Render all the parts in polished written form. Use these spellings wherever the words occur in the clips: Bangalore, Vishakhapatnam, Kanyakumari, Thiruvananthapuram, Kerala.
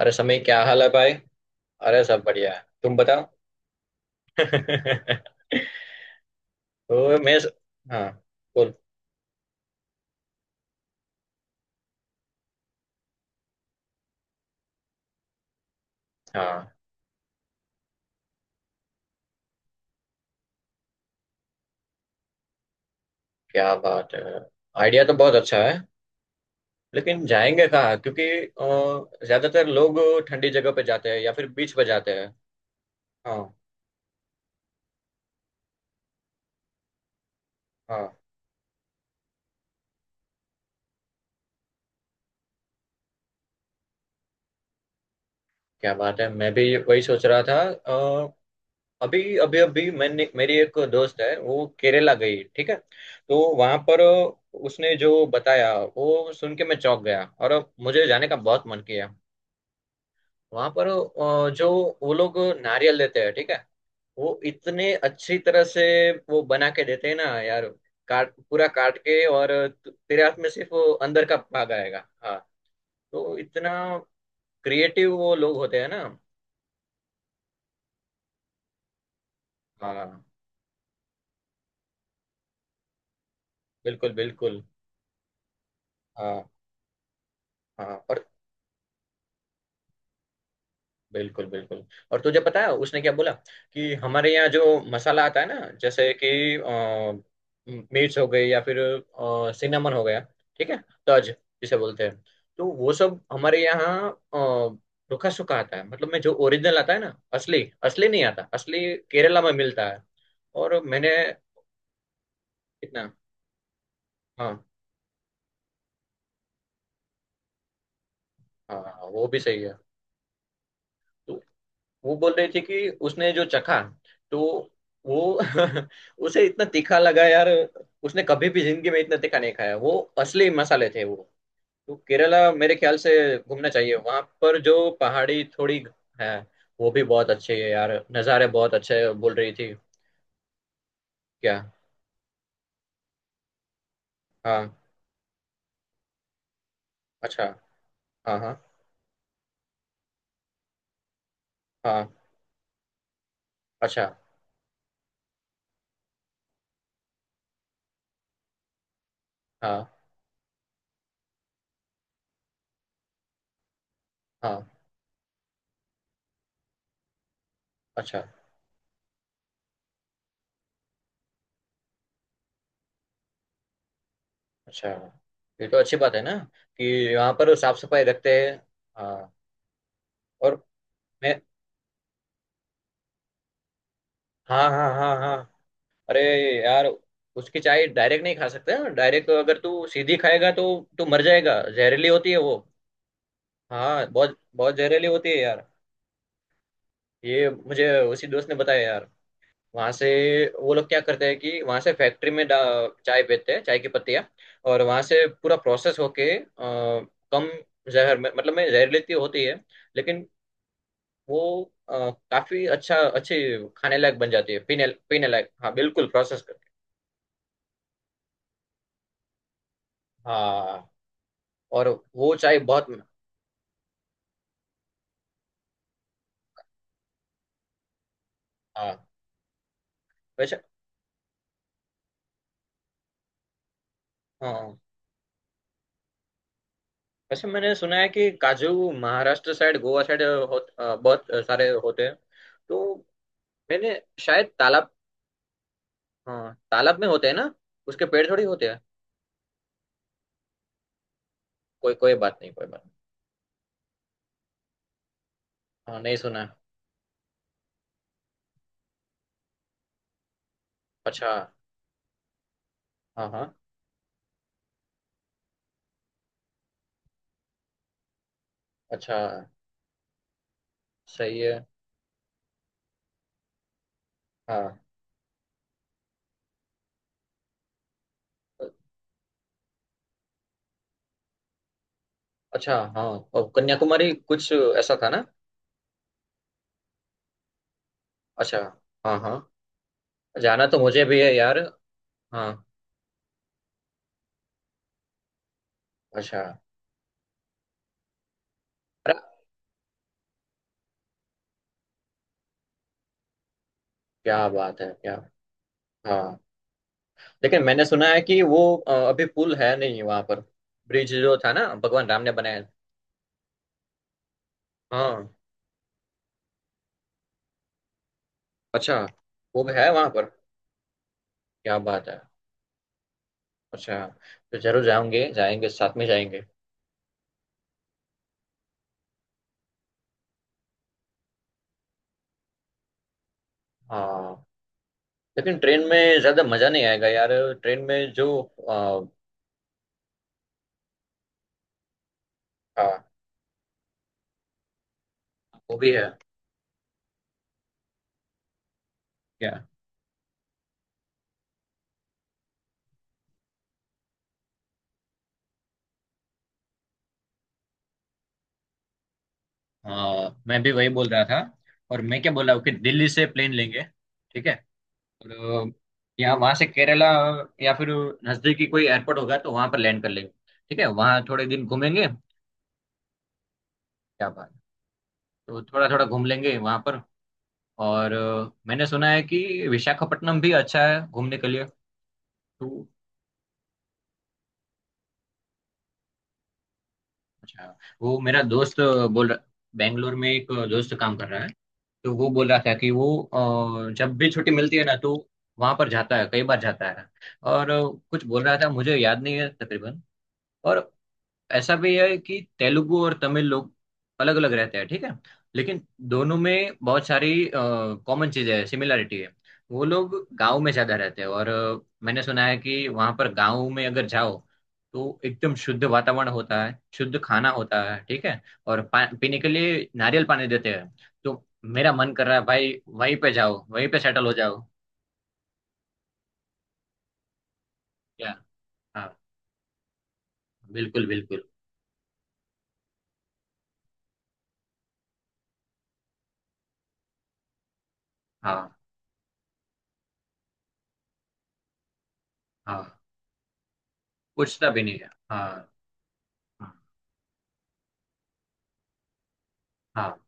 अरे समय क्या हाल है भाई। अरे सब बढ़िया है, तुम बताओ। तो मैं, हाँ, बोल। हाँ, क्या बात है। आइडिया तो बहुत अच्छा है, लेकिन जाएंगे कहाँ क्योंकि ज्यादातर लोग ठंडी जगह पे जाते हैं या फिर बीच पे जाते हैं। हाँ हाँ, क्या बात है, मैं भी वही सोच रहा था। अभी अभी अभी मैंने, मेरी एक दोस्त है, वो केरला गई, ठीक है। तो वहां पर उसने जो बताया वो सुन के मैं चौंक गया, और मुझे जाने का बहुत मन किया। वहां पर जो वो लोग नारियल लेते हैं, ठीक है। वो इतने अच्छी तरह से वो बना के देते हैं ना यार, काट, पूरा काट के, और तेरे हाथ में सिर्फ वो अंदर का भाग आएगा, हाँ। तो इतना क्रिएटिव वो लोग होते हैं ना। हाँ, बिल्कुल बिल्कुल। हाँ हाँ, और बिल्कुल बिल्कुल। और तुझे पता है उसने क्या बोला? कि हमारे यहाँ जो मसाला आता है ना, जैसे कि मिर्च हो गई, या फिर सिनेमन हो गया, ठीक है, तज जिसे बोलते हैं। तो वो सब हमारे यहाँ रुखा सूखा आता है, मतलब में जो ओरिजिनल आता है ना, असली, असली नहीं आता, असली केरला में मिलता है। और मैंने, कितना? हाँ हाँ हाँ, वो भी सही है। तो वो बोल रहे थे कि उसने जो चखा, तो वो उसे इतना तीखा लगा यार। उसने कभी भी जिंदगी में इतना तीखा नहीं खाया, वो असली मसाले थे वो। तो केरला मेरे ख्याल से घूमना चाहिए, वहां पर जो पहाड़ी थोड़ी है वो भी बहुत अच्छी है यार, नज़ारे बहुत अच्छे हैं, बोल रही थी। क्या? हाँ, अच्छा, हाँ हाँ हाँ, अच्छा, हाँ हाँ। अच्छा, अच्छा, ये तो अच्छी बात है ना, कि यहाँ पर साफ सफाई रखते हैं। हाँ, और मैं, हाँ हाँ हाँ हाँ, अरे यार, उसकी चाय डायरेक्ट नहीं खा सकते, डायरेक्ट अगर तू सीधी खाएगा तो तू मर जाएगा, जहरीली होती है वो। हाँ, बहुत बहुत जहरीली होती है यार। ये मुझे उसी दोस्त ने बताया यार। वहां से वो लोग क्या करते हैं कि वहां से फैक्ट्री में चाय बेचते हैं, चाय की पत्तियां। और वहां से पूरा प्रोसेस होके कम जहर में, मतलब में जहरीली तो होती है लेकिन वो अ, काफी अच्छा, अच्छी, खाने लायक बन जाती है, पीने पीने लायक, हाँ बिल्कुल, प्रोसेस करके। हाँ, और वो चाय बहुत, हाँ वैसे, हाँ हाँ। वैसे मैंने सुना है कि काजू महाराष्ट्र साइड, गोवा साइड हो, बहुत सारे होते हैं। तो मैंने, शायद तालाब, हाँ तालाब में होते हैं ना, उसके पेड़ थोड़ी होते हैं। कोई कोई बात नहीं, कोई बात नहीं। हाँ, नहीं सुना, अच्छा, हाँ हाँ, अच्छा, सही है, हाँ, अच्छा, हाँ। और कन्याकुमारी कुछ ऐसा था ना? अच्छा, हाँ हाँ, जाना तो मुझे भी है यार। हाँ, अच्छा, अरे, क्या बात है, क्या? हाँ, लेकिन मैंने सुना है कि वो अभी पुल है नहीं वहां पर, ब्रिज जो था ना भगवान राम ने बनाया। हाँ, अच्छा, वो भी है वहां पर? क्या बात है, अच्छा। तो जरूर जाएंगे, जाएंगे साथ में जाएंगे। हाँ, लेकिन ट्रेन में ज्यादा मजा नहीं आएगा यार। ट्रेन में जो अ, वो भी है। क्या? हाँ, मैं भी वही बोल रहा था। और मैं क्या बोल रहा हूँ कि दिल्ली से प्लेन लेंगे, ठीक है। और या वहां से केरला, या फिर नजदीकी कोई एयरपोर्ट होगा तो वहां पर लैंड कर लेंगे, ठीक है, वहां थोड़े दिन घूमेंगे। क्या बात। तो थोड़ा थोड़ा घूम लेंगे वहां पर। और मैंने सुना है कि विशाखापट्टनम भी अच्छा है घूमने के लिए। तो अच्छा, वो मेरा दोस्त बोल रहा, बैंगलोर में एक दोस्त काम कर रहा है, तो वो बोल रहा था कि वो जब भी छुट्टी मिलती है ना, तो वहां पर जाता है, कई बार जाता है। और कुछ बोल रहा था, मुझे याद नहीं है तकरीबन। और ऐसा भी है कि तेलुगु और तमिल लोग अलग अलग रहते हैं, ठीक है। लेकिन दोनों में बहुत सारी कॉमन चीजें हैं, सिमिलरिटी है। वो लोग गांव में ज्यादा रहते हैं और मैंने सुना है कि वहां पर गांव में अगर जाओ तो एकदम शुद्ध वातावरण होता है, शुद्ध खाना होता है, ठीक है। और पीने के लिए नारियल पानी देते हैं। तो मेरा मन कर रहा है भाई वहीं पे जाओ, वहीं पे सेटल हो जाओ। क्या? हाँ, बिल्कुल बिल्कुल। हाँ हाँ, पूछता भी नहीं है, हाँ। हाँ हाँ,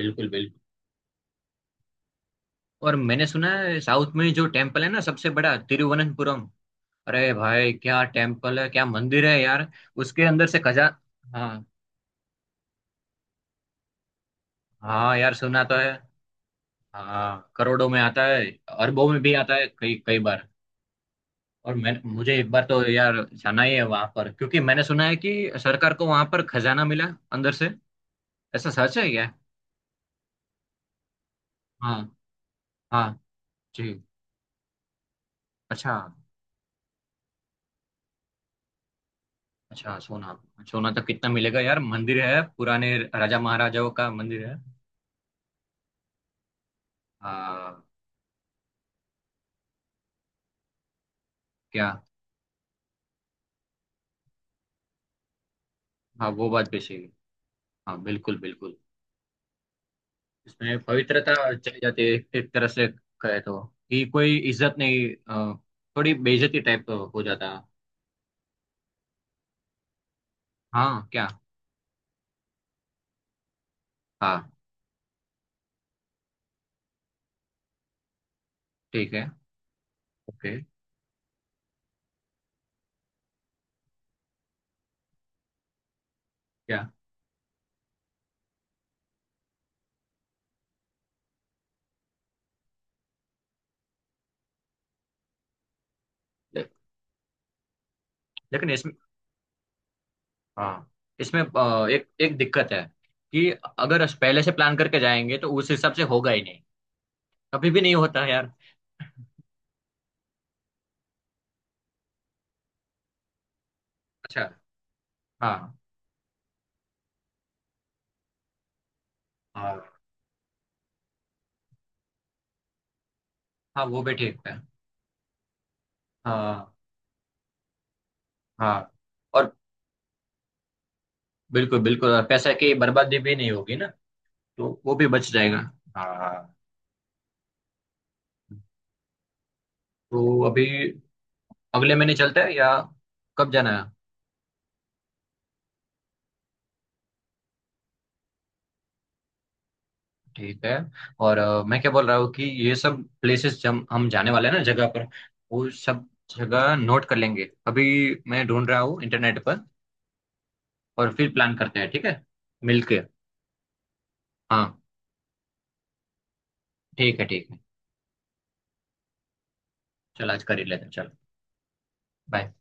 बिल्कुल बिल्कुल। और मैंने सुना है साउथ में जो टेम्पल है ना सबसे बड़ा, तिरुवनंतपुरम। अरे भाई, क्या टेम्पल है, क्या मंदिर है यार। उसके अंदर से खजा हाँ, हाँ यार, सुना तो है। हाँ, करोड़ों में आता है, अरबों में भी आता है कई कई बार। और मैं, मुझे एक बार तो यार जाना ही है वहां पर, क्योंकि मैंने सुना है कि सरकार को वहां पर खजाना मिला अंदर से, ऐसा सच है क्या? हाँ, हाँ, जी, अच्छा, अच्छा, सोना। सोना तो कितना मिलेगा यार, मंदिर है, पुराने राजा महाराजाओं का मंदिर है। हाँ, क्या? हाँ, वो बात भी सही है, हाँ, बिल्कुल बिल्कुल। इसमें पवित्रता चली जाती है एक एक तरह से, कहे तो, कि कोई इज्जत नहीं, अ, थोड़ी बेइज्जती टाइप हो जाता है। हाँ, क्या? हाँ, ठीक है, ओके। क्या? ले, लेकिन इसमें, हाँ, इसमें एक एक दिक्कत है कि अगर अस पहले से प्लान करके जाएंगे तो उस हिसाब से होगा ही नहीं, कभी भी नहीं होता है यार। अच्छा, हाँ हाँ हाँ, वो भी ठीक है। हाँ हाँ, और बिल्कुल बिल्कुल, और पैसे की बर्बादी भी नहीं होगी ना, तो वो भी बच जाएगा। हाँ, तो अभी अगले महीने चलते हैं, या कब जाना है? ठीक है, और मैं क्या बोल रहा हूँ कि ये सब प्लेसेस जब हम जाने वाले हैं ना जगह पर, वो सब जगह नोट कर लेंगे अभी, मैं ढूंढ रहा हूँ इंटरनेट पर, और फिर प्लान करते हैं, ठीक है, मिलके। हाँ, ठीक है, ठीक है। चल, आज कर ही लेते हैं, चल, बाय।